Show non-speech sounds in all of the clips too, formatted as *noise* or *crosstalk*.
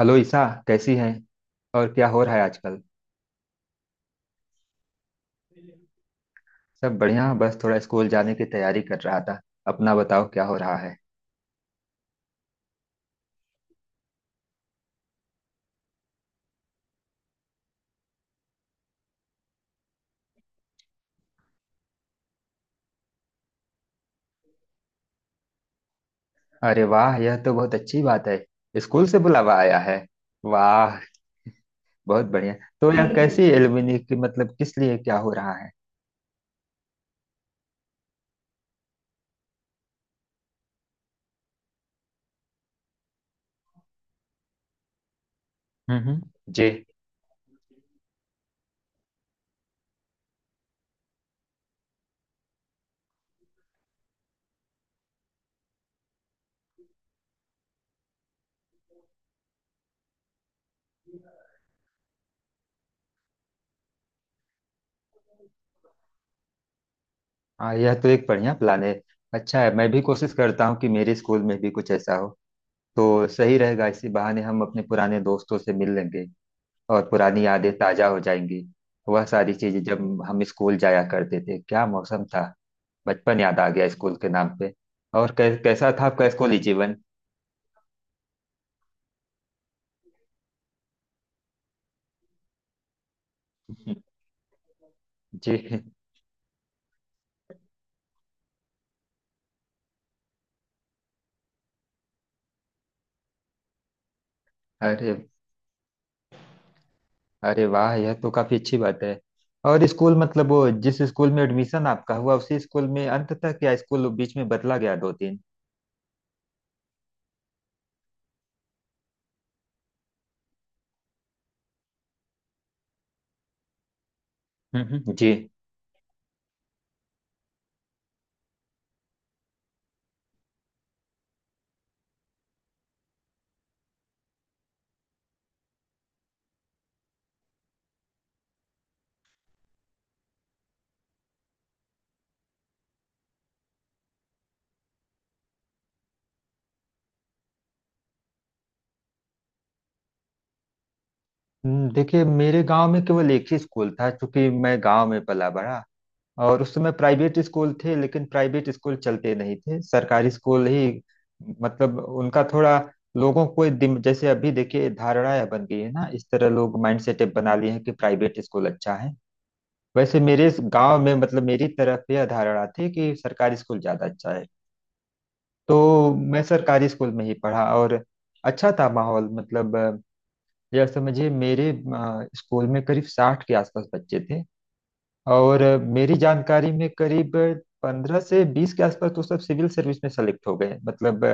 Hello Isa. कैसी हैं। और क्या हो रहा है आजकल। सब बढ़िया, बस थोड़ा स्कूल जाने की तैयारी कर रहा था। अपना बताओ, क्या हो रहा है। अरे वाह, यह तो बहुत अच्छी बात है। स्कूल से बुलावा आया है। वाह, बहुत बढ़िया। तो यह कैसी एलुमनी की मतलब किस लिए क्या हो रहा है। हम्म, हम्म। जी। हाँ, यह तो एक बढ़िया प्लान है। अच्छा है, मैं भी कोशिश करता हूँ कि मेरे स्कूल में भी कुछ ऐसा हो। तो सही रहेगा, इसी बहाने हम अपने पुराने दोस्तों से मिल लेंगे और पुरानी यादें ताजा हो जाएंगी। वह सारी चीजें, जब हम स्कूल जाया करते थे, क्या मौसम था। बचपन याद आ गया स्कूल के नाम पे। और कैसा था आपका स्कूली जीवन। *laughs* जी। अरे। अरे वाह, यह तो काफी अच्छी बात है। और स्कूल मतलब वो जिस स्कूल में एडमिशन आपका हुआ उसी स्कूल में अंत तक, या स्कूल बीच में बदला गया दो तीन। जी। देखिए, मेरे गांव में केवल एक ही स्कूल था, क्योंकि मैं गांव में पला बड़ा। और उस समय प्राइवेट स्कूल थे, लेकिन प्राइवेट स्कूल चलते नहीं थे, सरकारी स्कूल ही। मतलब उनका थोड़ा जैसे अभी देखिए, धारणाएं बन गई है ना, इस तरह लोग माइंड सेट बना लिए हैं कि प्राइवेट स्कूल अच्छा है। वैसे मेरे इस गांव में मतलब मेरी तरफ यह धारणा थी कि सरकारी स्कूल ज्यादा अच्छा है। तो मैं सरकारी स्कूल में ही पढ़ा। और अच्छा था माहौल, मतलब यह समझिए मेरे स्कूल में करीब 60 के आसपास बच्चे थे। और मेरी जानकारी में करीब 15 से 20 के आसपास तो सब सिविल सर्विस में सेलेक्ट हो गए। मतलब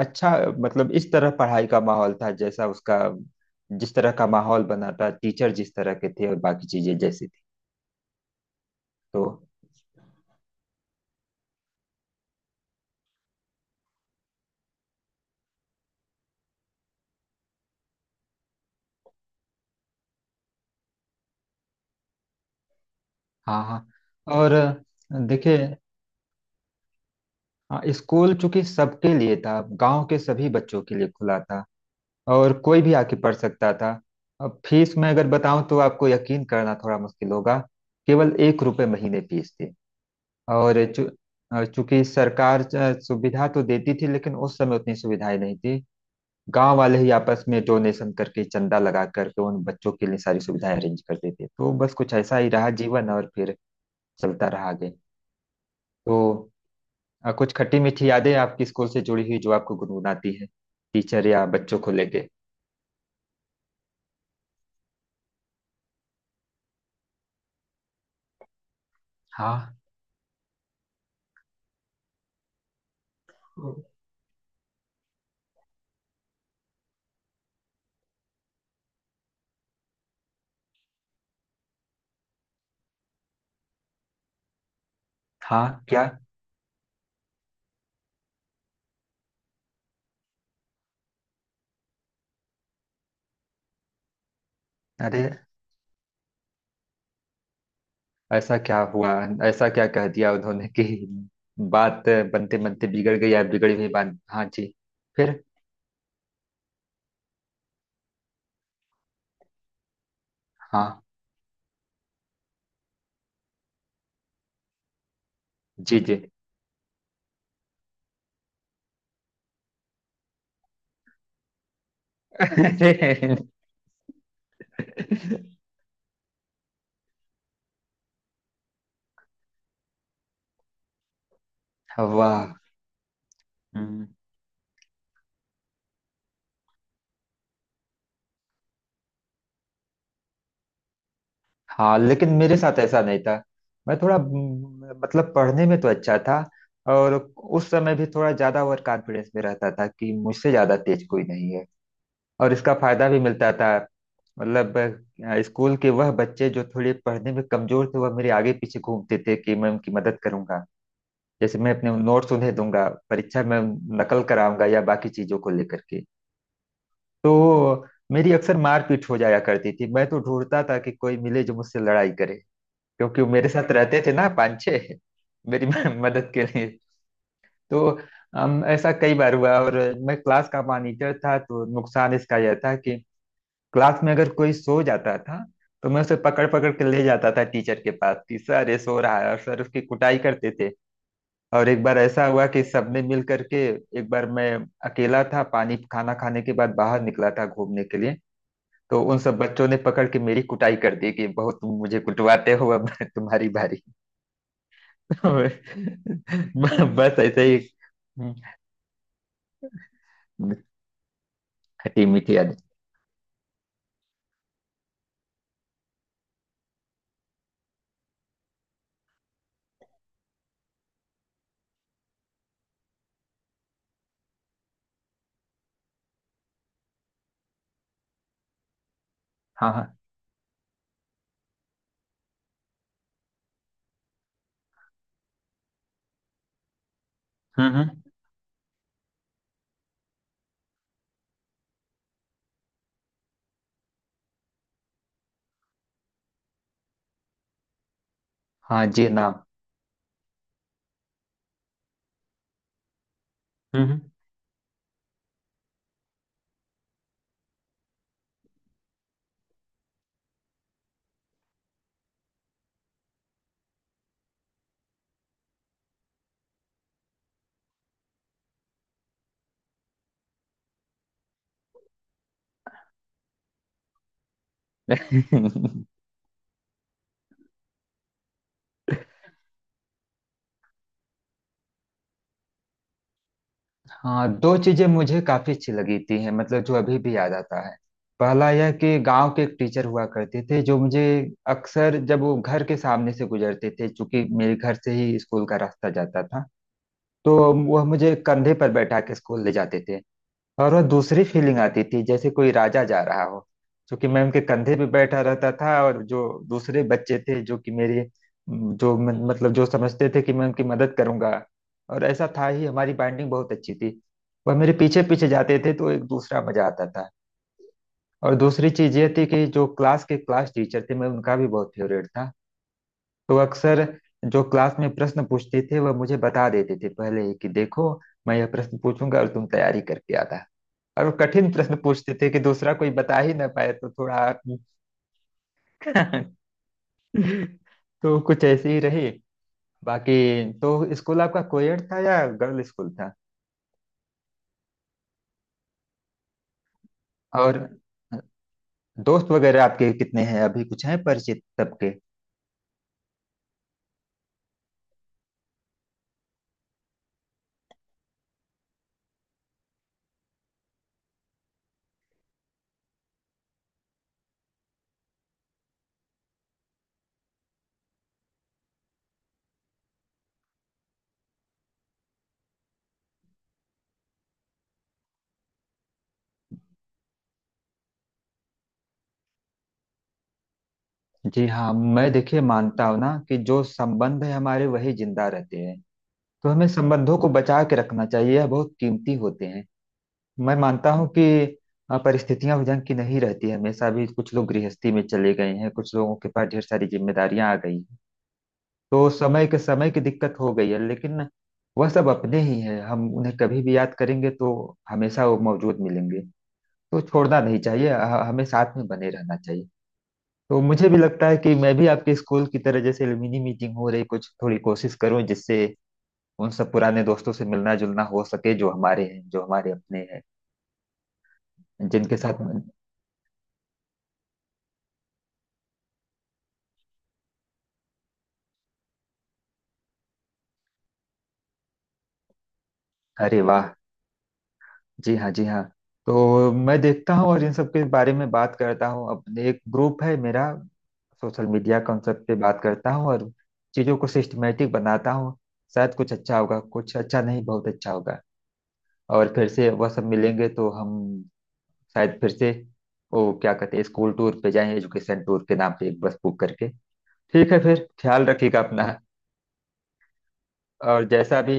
अच्छा। मतलब इस तरह पढ़ाई का माहौल था, जैसा उसका, जिस तरह का माहौल बना था, टीचर जिस तरह के थे और बाकी चीजें जैसी थी। तो हाँ, हाँ। और देखिए, हाँ, स्कूल चूंकि सबके लिए था, गांव के सभी बच्चों के लिए खुला था और कोई भी आके पढ़ सकता था। अब फीस मैं अगर बताऊं तो आपको यकीन करना थोड़ा मुश्किल होगा। केवल 1 रुपए महीने फीस थी। और और चूंकि सरकार सुविधा तो देती थी, लेकिन उस समय उतनी सुविधाएं नहीं थी। गांव वाले ही आपस में डोनेशन करके, चंदा लगा करके उन बच्चों के लिए सारी सुविधाएं अरेंज करते थे, तो बस कुछ ऐसा ही रहा जीवन और फिर चलता रहा आगे। तो कुछ खट्टी मीठी यादें आपकी स्कूल से जुड़ी हुई जो आपको गुनगुनाती है, टीचर या बच्चों को लेके। हाँ, हाँ क्या। अरे, ऐसा क्या हुआ। ऐसा क्या कह दिया उन्होंने कि बात बनते बनते बिगड़ गई, या बिगड़ी हुई बात, हाँ जी। फिर। हाँ। जी जी। *laughs* अरे वाह। हम्म। हाँ, लेकिन मेरे साथ ऐसा नहीं था। मैं थोड़ा मतलब पढ़ने में तो अच्छा था। और उस समय भी थोड़ा ज्यादा ओवर कॉन्फिडेंस में रहता था कि मुझसे ज्यादा तेज कोई नहीं है। और इसका फायदा भी मिलता था। मतलब स्कूल के वह बच्चे जो थोड़े पढ़ने में कमजोर थे, वह मेरे आगे पीछे घूमते थे कि मैं उनकी मदद करूंगा, जैसे मैं अपने नोट्स उन्हें दूंगा, परीक्षा में नकल कराऊंगा या बाकी चीजों को लेकर के। तो मेरी अक्सर मारपीट हो जाया करती थी, मैं तो ढूंढता था कि कोई मिले जो मुझसे लड़ाई करे, क्योंकि वो मेरे साथ रहते थे ना, पाँच छः। मेरी *laughs* मदद के लिए। तो ऐसा कई बार हुआ। और मैं क्लास का मॉनिटर था, तो नुकसान इसका यह था कि क्लास में अगर कोई सो जाता था, तो मैं उसे पकड़ पकड़ के ले जाता था टीचर के पास कि सर ये सो रहा है, और सर उसकी कुटाई करते थे। और एक बार ऐसा हुआ कि सबने मिल करके, एक बार मैं अकेला था, पानी खाना खाने के बाद बाहर निकला था घूमने के लिए, तो उन सब बच्चों ने पकड़ के मेरी कुटाई कर दी कि बहुत तुम मुझे कुटवाते हो, अब तुम्हारी बारी। *laughs* बस ऐसे ही। हम्म, खटी मीठी याद। हाँ, हाँ। हम्म, हम्म। हाँ जी ना। हम्म। *laughs* हम्म। हाँ, दो चीजें मुझे काफी अच्छी लगी थी हैं, मतलब जो अभी भी याद आता है। पहला यह कि गांव के एक टीचर हुआ करते थे जो मुझे अक्सर, जब वो घर के सामने से गुजरते थे, चूंकि मेरे घर से ही स्कूल का रास्ता जाता था, तो वह मुझे कंधे पर बैठा के स्कूल ले जाते थे। और वह दूसरी फीलिंग आती थी, जैसे कोई राजा जा रहा हो, क्योंकि मैं उनके कंधे पे बैठा रहता था। और जो दूसरे बच्चे थे जो कि मेरे मतलब जो समझते थे कि मैं उनकी मदद करूंगा, और ऐसा था ही, हमारी बाइंडिंग बहुत अच्छी थी। वह मेरे पीछे पीछे जाते थे, तो एक दूसरा मजा आता था। और दूसरी चीज ये थी कि जो क्लास के क्लास टीचर थे, मैं उनका भी बहुत फेवरेट था। तो अक्सर जो क्लास में प्रश्न पूछते थे, वह मुझे बता देते थे पहले ही कि देखो, मैं यह प्रश्न पूछूंगा और तुम तैयारी करके आना। और वो कठिन प्रश्न पूछते थे कि दूसरा कोई बता ही ना पाए, तो थोड़ा। *laughs* तो कुछ ऐसे ही रहे बाकी। तो स्कूल आपका कोएड था या गर्ल स्कूल था। और दोस्त वगैरह आपके कितने हैं अभी, कुछ हैं परिचित सबके। जी हाँ, मैं देखिए मानता हूँ ना कि जो संबंध है हमारे, वही जिंदा रहते हैं। तो हमें संबंधों को बचा के रखना चाहिए, यह बहुत कीमती होते हैं। मैं मानता हूं कि परिस्थितियां ढंग की नहीं रहती है हमेशा भी, कुछ लोग गृहस्थी में चले गए हैं, कुछ लोगों के पास ढेर सारी जिम्मेदारियां आ गई हैं। तो समय के, समय की दिक्कत हो गई है, लेकिन वह सब अपने ही हैं, हम उन्हें कभी भी याद करेंगे तो हमेशा वो मौजूद मिलेंगे। तो छोड़ना नहीं चाहिए, हमें साथ में बने रहना चाहिए। तो मुझे भी लगता है कि मैं भी आपके स्कूल की तरह, जैसे मिनी मीटिंग हो रही, कुछ थोड़ी कोशिश करूं जिससे उन सब पुराने दोस्तों से मिलना जुलना हो सके जो हमारे हैं, जो हमारे अपने हैं, जिनके साथ। अरे वाह। जी हाँ, जी हाँ। तो मैं देखता हूँ और इन सब के बारे में बात करता हूँ अपने, एक ग्रुप है मेरा सोशल मीडिया कॉन्सेप्ट पे, बात करता हूँ और चीज़ों को सिस्टमेटिक बनाता हूँ। शायद कुछ अच्छा होगा, कुछ अच्छा नहीं, बहुत अच्छा होगा। और फिर से वह सब मिलेंगे तो हम शायद फिर से, वो क्या कहते हैं, स्कूल टूर पे जाएं, एजुकेशन टूर के नाम पे एक बस बुक करके। ठीक है, फिर ख्याल रखिएगा अपना। और जैसा भी,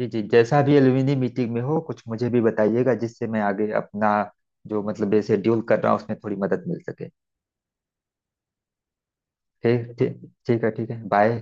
जी जी, जैसा भी एलुमिनी मीटिंग में हो कुछ मुझे भी बताइएगा, जिससे मैं आगे अपना जो मतलब ये शेड्यूल कर रहा हूँ उसमें थोड़ी मदद मिल सके। ठीक, ठीक, ठीक है, ठीक है, बाय।